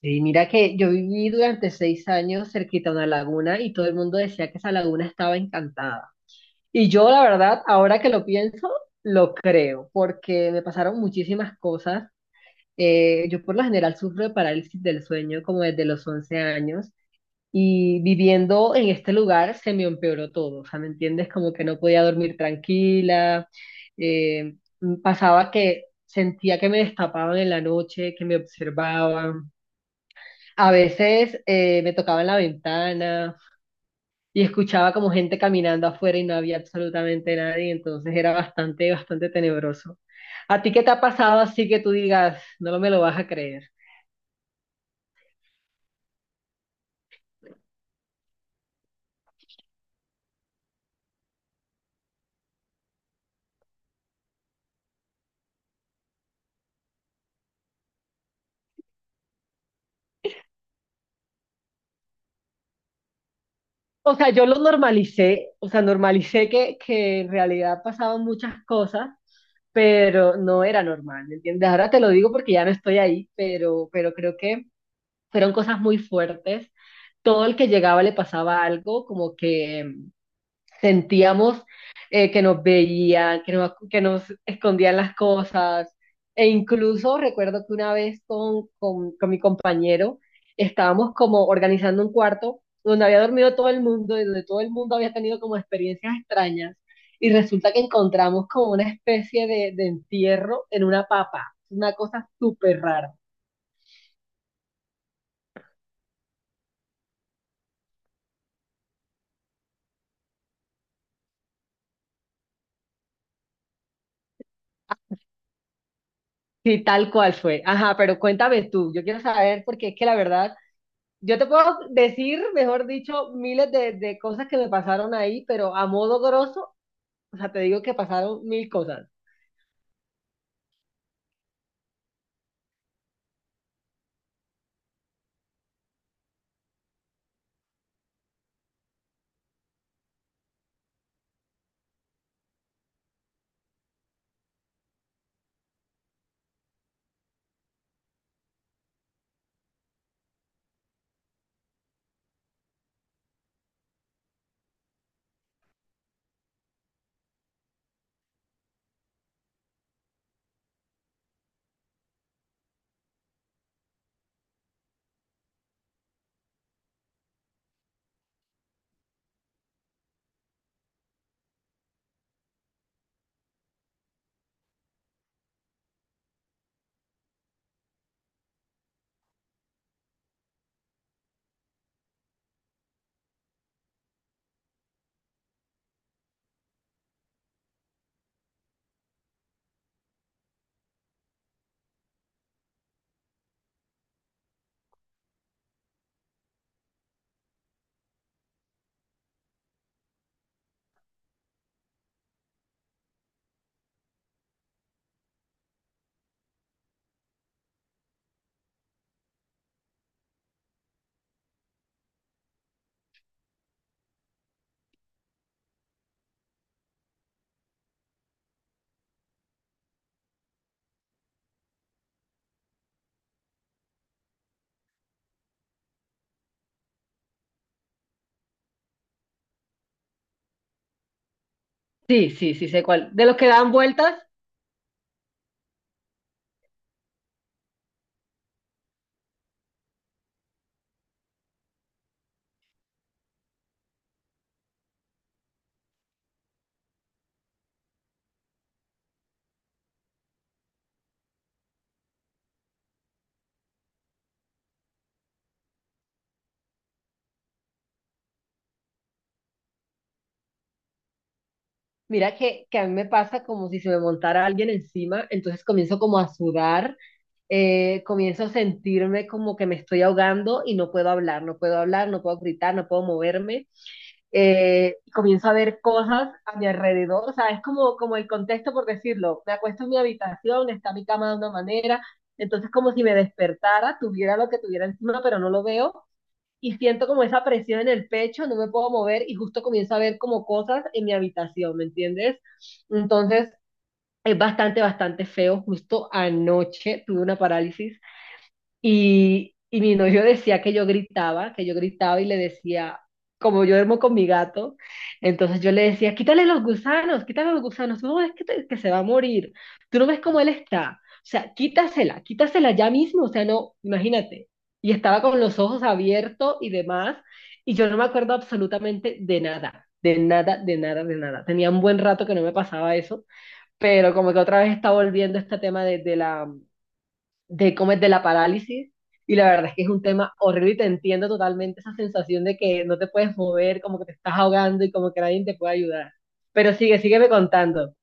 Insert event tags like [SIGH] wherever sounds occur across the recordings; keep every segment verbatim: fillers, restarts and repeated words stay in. Sí, mira que yo viví durante seis años cerquita a una laguna y todo el mundo decía que esa laguna estaba encantada. Y yo, la verdad, ahora que lo pienso, lo creo, porque me pasaron muchísimas cosas. Eh, yo por lo general sufro de parálisis del sueño como desde los once años y viviendo en este lugar se me empeoró todo, o sea, ¿me entiendes? Como que no podía dormir tranquila. eh, Pasaba que sentía que me destapaban en la noche, que me observaban. A veces eh, me tocaba en la ventana y escuchaba como gente caminando afuera y no había absolutamente nadie, entonces era bastante, bastante tenebroso. ¿A ti qué te ha pasado así que tú digas, no me lo vas a creer? O sea, yo lo normalicé, o sea, normalicé que, que en realidad pasaban muchas cosas, pero no era normal, ¿me entiendes? Ahora te lo digo porque ya no estoy ahí, pero, pero creo que fueron cosas muy fuertes. Todo el que llegaba le pasaba algo, como que sentíamos eh, que nos veían, que nos, que nos escondían las cosas. E incluso recuerdo que una vez con, con, con mi compañero estábamos como organizando un cuarto donde había dormido todo el mundo y donde todo el mundo había tenido como experiencias extrañas. Y resulta que encontramos como una especie de, de entierro en una papa. Una cosa súper rara. Sí, tal cual fue. Ajá, pero cuéntame tú. Yo quiero saber porque es que la verdad, yo te puedo decir, mejor dicho, miles de, de cosas que me pasaron ahí, pero a modo grosso, o sea, te digo que pasaron mil cosas. Sí, sí, sí, sé cuál. De los que dan vueltas, mira que, que a mí me pasa como si se me montara alguien encima, entonces comienzo como a sudar. Eh, comienzo a sentirme como que me estoy ahogando y no puedo hablar, no puedo hablar, no puedo gritar, no puedo moverme. Eh, y comienzo a ver cosas a mi alrededor, o sea, es como, como el contexto, por decirlo, me acuesto en mi habitación, está mi cama de una manera, entonces como si me despertara, tuviera lo que tuviera encima, pero no lo veo, y siento como esa presión en el pecho, no me puedo mover, y justo comienzo a ver como cosas en mi habitación, ¿me entiendes? Entonces, es bastante, bastante feo, justo anoche tuve una parálisis y, y mi novio decía que yo gritaba, que yo gritaba y le decía, como yo duermo con mi gato, entonces yo le decía, quítale los gusanos, quítale los gusanos, no, es que, te- que se va a morir, tú no ves cómo él está, o sea, quítasela, quítasela ya mismo, o sea, no, imagínate. Y estaba con los ojos abiertos y demás, y yo no me acuerdo absolutamente de nada, de nada, de nada, de nada. Tenía un buen rato que no me pasaba eso, pero como que otra vez está volviendo este tema de, de la de comer de la parálisis. Y la verdad es que es un tema horrible y te entiendo totalmente esa sensación de que no te puedes mover, como que te estás ahogando y como que nadie te puede ayudar. Pero sigue, sígueme contando.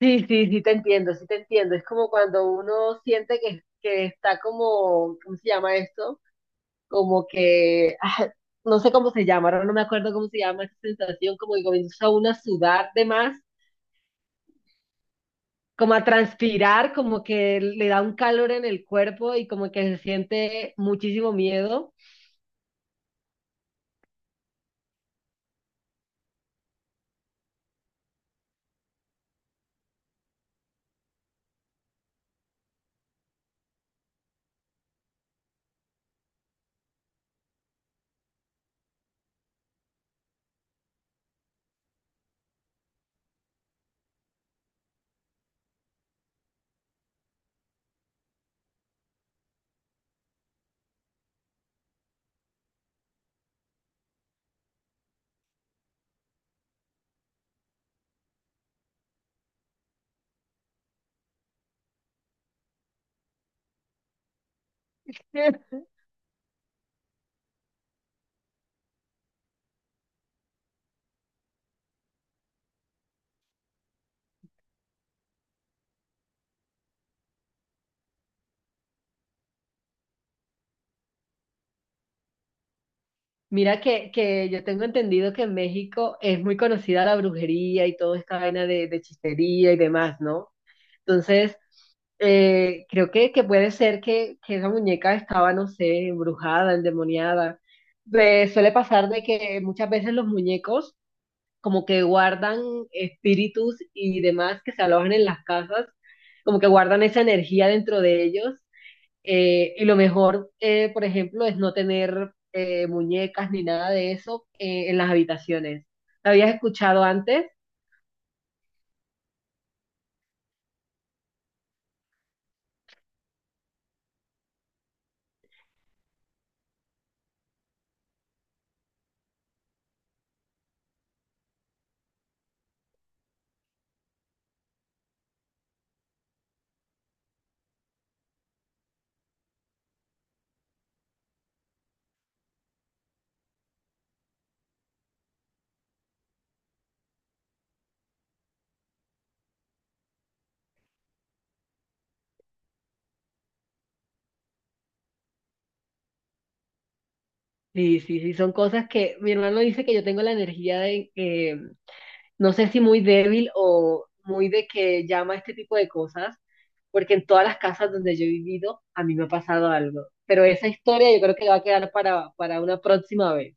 Sí, sí, sí te entiendo, sí te entiendo. Es como cuando uno siente que, que está como, ¿cómo se llama esto? Como que, no sé cómo se llama, ahora no me acuerdo cómo se llama esa sensación, como que comienza uno a sudar de más, como a transpirar, como que le da un calor en el cuerpo y como que se siente muchísimo miedo. [LAUGHS] Mira que, que yo tengo entendido que en México es muy conocida la brujería y toda esta vaina de, de chistería y demás, ¿no? Entonces, eh, creo que, que puede ser que, que esa muñeca estaba, no sé, embrujada, endemoniada. Pues suele pasar de que muchas veces los muñecos como que guardan espíritus y demás que se alojan en las casas, como que guardan esa energía dentro de ellos. Eh, y lo mejor, eh, por ejemplo, es no tener eh, muñecas ni nada de eso eh, en las habitaciones. ¿Lo habías escuchado antes? Sí, sí, sí, son cosas que mi hermano dice que yo tengo la energía de, que no sé si muy débil o muy de que llama a este tipo de cosas, porque en todas las casas donde yo he vivido a mí me ha pasado algo. Pero esa historia yo creo que va a quedar para, para una próxima vez.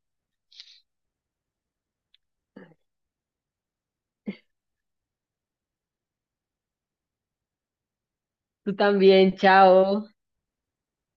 Tú también, chao.